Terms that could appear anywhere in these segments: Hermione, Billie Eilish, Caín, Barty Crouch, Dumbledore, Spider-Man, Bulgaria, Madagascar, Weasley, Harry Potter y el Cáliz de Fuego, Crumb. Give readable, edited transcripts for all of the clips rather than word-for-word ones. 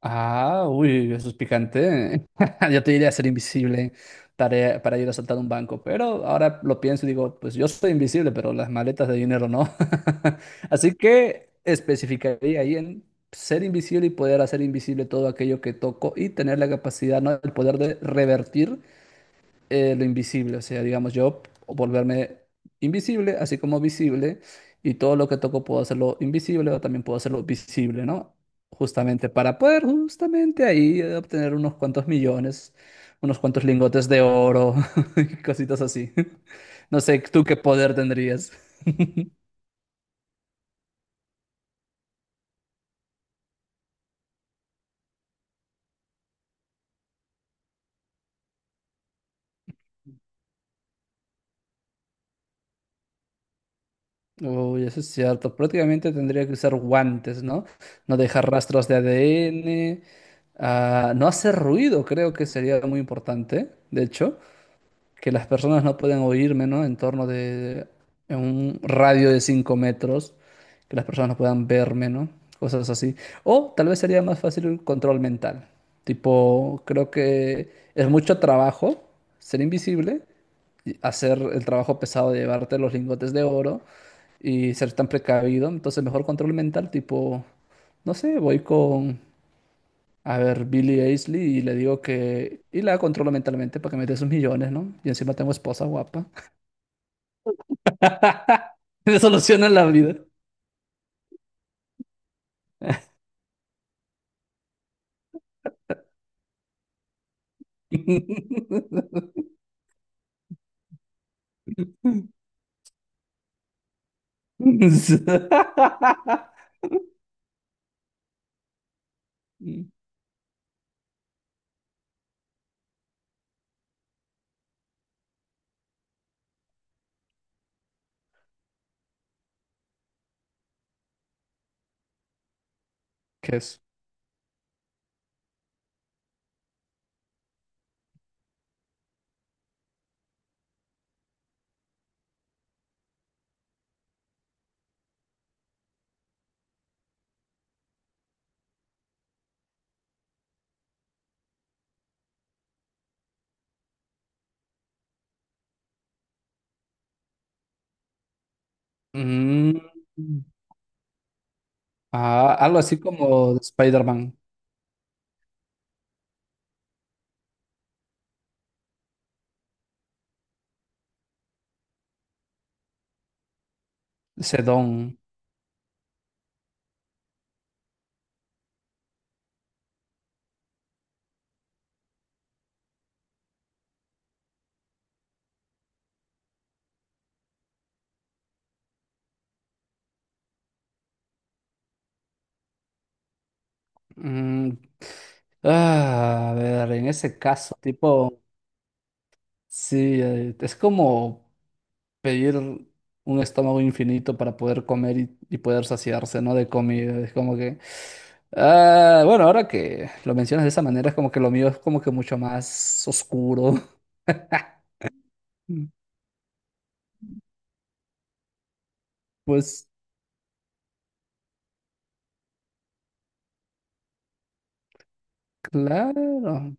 Ah, uy, eso es picante. Yo te diría ser invisible tarea para ir a saltar un banco, pero ahora lo pienso y digo, pues yo soy invisible, pero las maletas de dinero no. Así que especificaría ahí en ser invisible y poder hacer invisible todo aquello que toco y tener la capacidad, ¿no? El poder de revertir lo invisible, o sea, digamos, yo volverme invisible, así como visible, y todo lo que toco puedo hacerlo invisible o también puedo hacerlo visible, ¿no? Justamente para poder justamente ahí obtener unos cuantos millones, unos cuantos lingotes de oro y cositas así. No sé, ¿tú qué poder tendrías? Uy, eso es cierto. Prácticamente tendría que usar guantes, ¿no? No dejar rastros de ADN. No hacer ruido, creo que sería muy importante, de hecho. Que las personas no pueden oírme, ¿no? En torno de, en un radio de 5 metros, que las personas no puedan verme, ¿no? Cosas así. O tal vez sería más fácil el control mental. Tipo, creo que es mucho trabajo ser invisible, y hacer el trabajo pesado de llevarte los lingotes de oro y ser tan precavido. Entonces, mejor control mental, tipo, no sé, voy con, a ver, Billie Eilish y le digo que, y la controlo mentalmente para que me dé sus millones, ¿no? Y encima tengo esposa guapa. Resoluciona la vida. ¿Qué es? Mm, algo así como de Spider-Man. Sedón. Mm, a ver, en ese caso, tipo, sí, es como pedir un estómago infinito para poder comer y poder saciarse, ¿no? De comida. Es como que... Bueno, ahora que lo mencionas de esa manera, es como que lo mío es como que mucho más oscuro. Mm, Pues claro,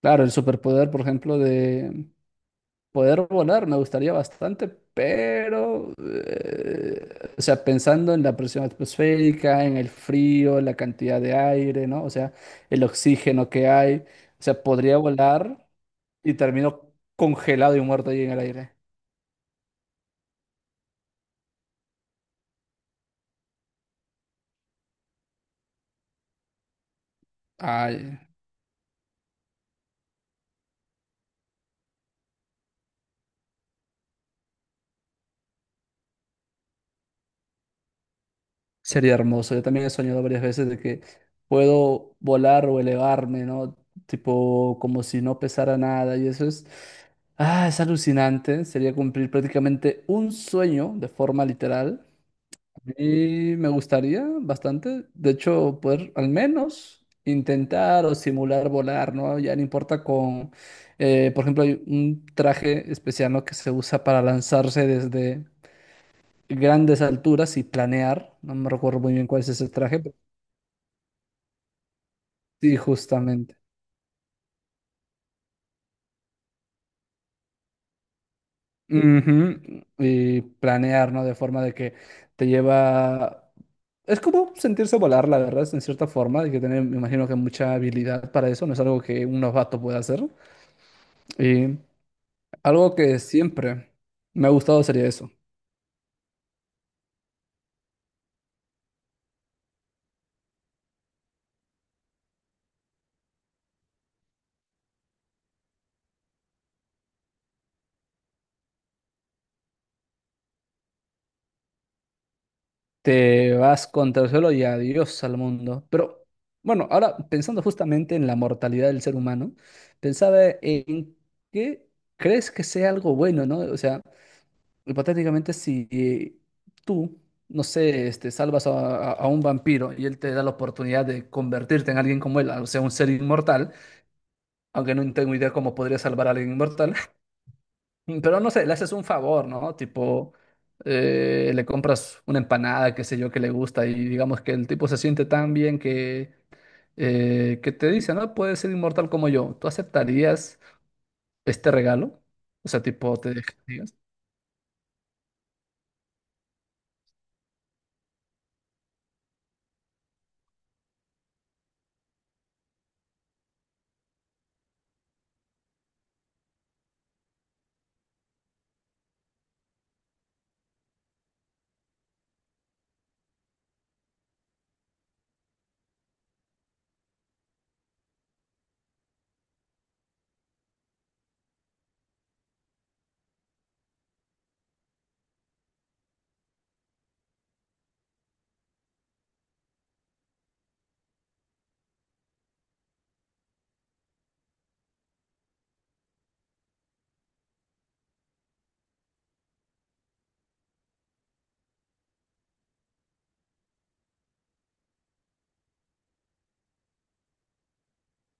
claro, el superpoder, por ejemplo, de poder volar me gustaría bastante, pero, o sea, pensando en la presión atmosférica, en el frío, la cantidad de aire, ¿no? O sea, el oxígeno que hay, o sea, podría volar y termino congelado y muerto ahí en el aire. Ay. Sería hermoso. Yo también he soñado varias veces de que puedo volar o elevarme, ¿no? Tipo, como si no pesara nada. Y eso es, es alucinante. Sería cumplir prácticamente un sueño de forma literal. Y me gustaría bastante, de hecho, poder al menos intentar o simular volar, ¿no? Ya no importa con, por ejemplo, hay un traje especial, ¿no? Que se usa para lanzarse desde grandes alturas y planear. No me recuerdo muy bien cuál es ese traje, pero sí, justamente. Ujú, y planear, ¿no? De forma de que te lleva... Es como sentirse volar, la verdad, en cierta forma. Hay que tener, me imagino que mucha habilidad para eso. No es algo que un novato pueda hacer. Y algo que siempre me ha gustado sería eso. Te vas contra el suelo y adiós al mundo. Pero bueno, ahora pensando justamente en la mortalidad del ser humano, pensaba en qué crees que sea algo bueno, ¿no? O sea, hipotéticamente si tú, no sé, este, salvas a, a un vampiro y él te da la oportunidad de convertirte en alguien como él, o sea, un ser inmortal, aunque no tengo idea cómo podría salvar a alguien inmortal. Pero no sé, le haces un favor, ¿no? Tipo, le compras una empanada, qué sé yo, que le gusta y digamos que el tipo se siente tan bien que te dice, no, puedes ser inmortal como yo. ¿Tú aceptarías este regalo? O sea, tipo, te dejarías.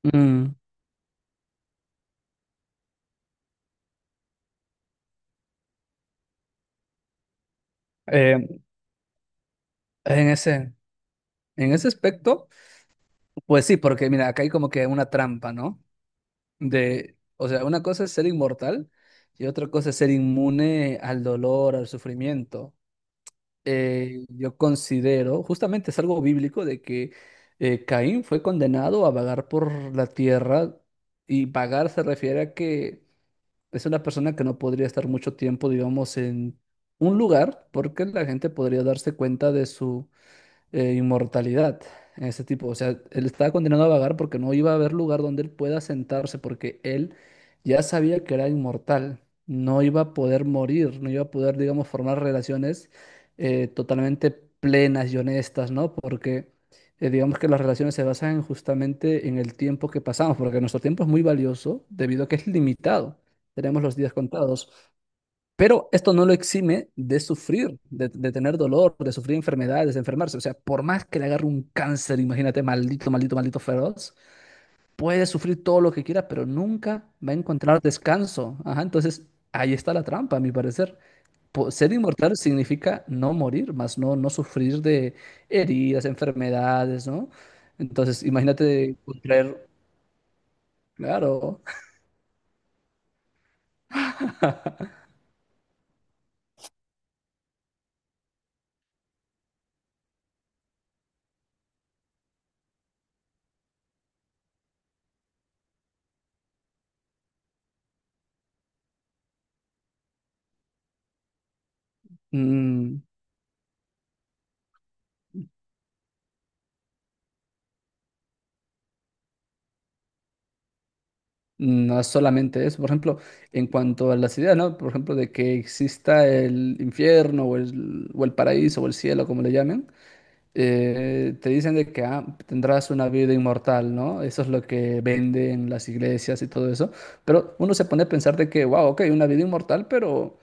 Mm, eh, en ese, en ese aspecto, pues sí, porque mira, acá hay como que una trampa, ¿no? De, o sea, una cosa es ser inmortal y otra cosa es ser inmune al dolor, al sufrimiento. Yo considero, justamente es algo bíblico de que Caín fue condenado a vagar por la tierra y vagar se refiere a que es una persona que no podría estar mucho tiempo, digamos, en un lugar porque la gente podría darse cuenta de su inmortalidad. Ese tipo, o sea, él estaba condenado a vagar porque no iba a haber lugar donde él pueda sentarse, porque él ya sabía que era inmortal, no iba a poder morir, no iba a poder, digamos, formar relaciones totalmente plenas y honestas, ¿no? Porque digamos que las relaciones se basan justamente en el tiempo que pasamos, porque nuestro tiempo es muy valioso debido a que es limitado, tenemos los días contados. Pero esto no lo exime de sufrir, de tener dolor, de sufrir enfermedades, de enfermarse. O sea, por más que le agarre un cáncer, imagínate, maldito, maldito, maldito feroz, puede sufrir todo lo que quiera, pero nunca va a encontrar descanso. Ajá, entonces, ahí está la trampa, a mi parecer. Ser inmortal significa no morir, más no, no sufrir de heridas, enfermedades, ¿no? Entonces, imagínate contraer, claro, mm, no es solamente eso, por ejemplo, en cuanto a las ideas, ¿no? Por ejemplo, de que exista el infierno o el paraíso o el cielo, como le llamen, te dicen de que tendrás una vida inmortal, ¿no? Eso es lo que venden las iglesias y todo eso, pero uno se pone a pensar de que, wow, ok, una vida inmortal, pero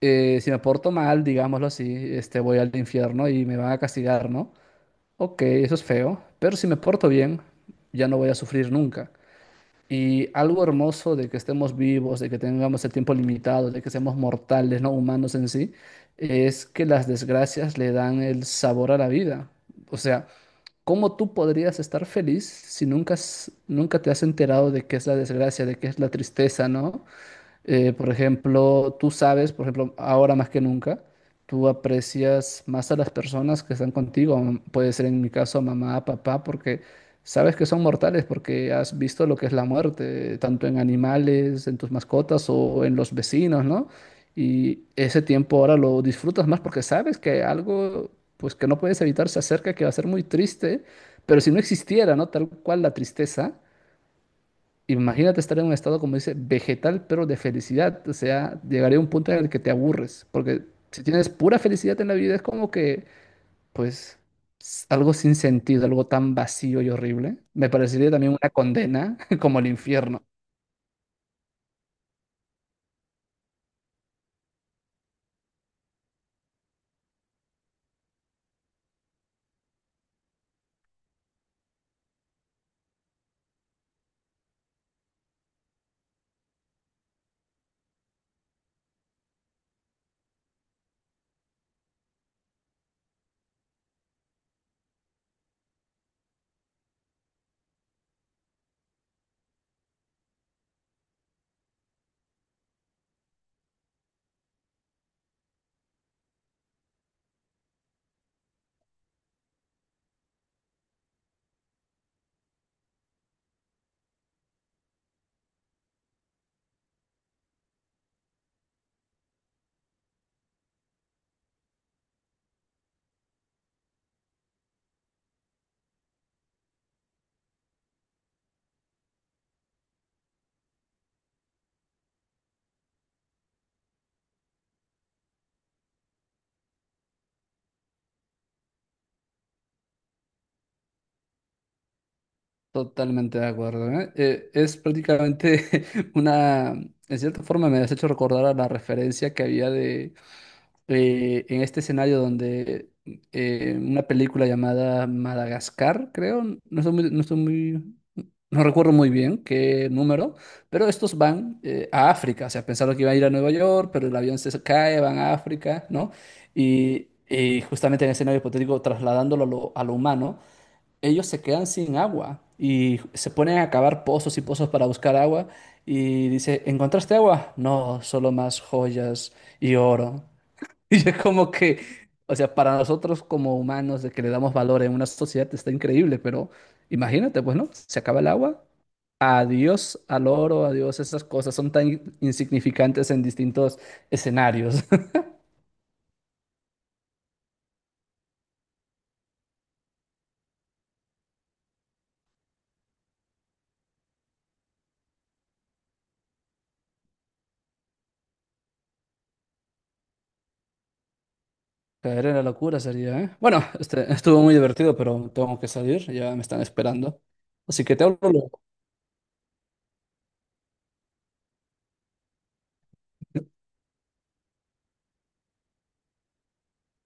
si me porto mal, digámoslo así, este, voy al infierno y me van a castigar, ¿no? Ok, eso es feo, pero si me porto bien, ya no voy a sufrir nunca. Y algo hermoso de que estemos vivos, de que tengamos el tiempo limitado, de que seamos mortales, no humanos en sí, es que las desgracias le dan el sabor a la vida. O sea, ¿cómo tú podrías estar feliz si nunca, nunca te has enterado de qué es la desgracia, de qué es la tristeza, ¿no? Por ejemplo, tú sabes, por ejemplo, ahora más que nunca, tú aprecias más a las personas que están contigo, puede ser en mi caso mamá, papá, porque sabes que son mortales, porque has visto lo que es la muerte, tanto en animales, en tus mascotas o en los vecinos, ¿no? Y ese tiempo ahora lo disfrutas más porque sabes que algo, pues que no puedes evitar, se acerca, que va a ser muy triste, pero si no existiera, ¿no? Tal cual la tristeza. Imagínate estar en un estado, como dice, vegetal, pero de felicidad. O sea, llegaré a un punto en el que te aburres, porque si tienes pura felicidad en la vida, es como que, pues, algo sin sentido, algo tan vacío y horrible. Me parecería también una condena como el infierno. Totalmente de acuerdo, ¿eh? Es prácticamente una, en cierta forma me has hecho recordar a la referencia que había de, en este escenario donde una película llamada Madagascar, creo, no estoy muy, no estoy muy, no recuerdo muy bien qué número, pero estos van a África, o sea, pensaron que iban a ir a Nueva York, pero el avión se cae, van a África, ¿no? Y justamente en el escenario hipotético, trasladándolo a lo humano ellos se quedan sin agua y se ponen a cavar pozos y pozos para buscar agua y dice, ¿encontraste agua? No, solo más joyas y oro. Y es como que, o sea, para nosotros como humanos de que le damos valor en una sociedad está increíble, pero imagínate, pues, ¿no? Se acaba el agua. Adiós al oro, adiós, esas cosas son tan insignificantes en distintos escenarios. Caer en la locura sería, ¿eh? Bueno, este, estuvo muy divertido, pero tengo que salir, ya me están esperando. Así que te hablo.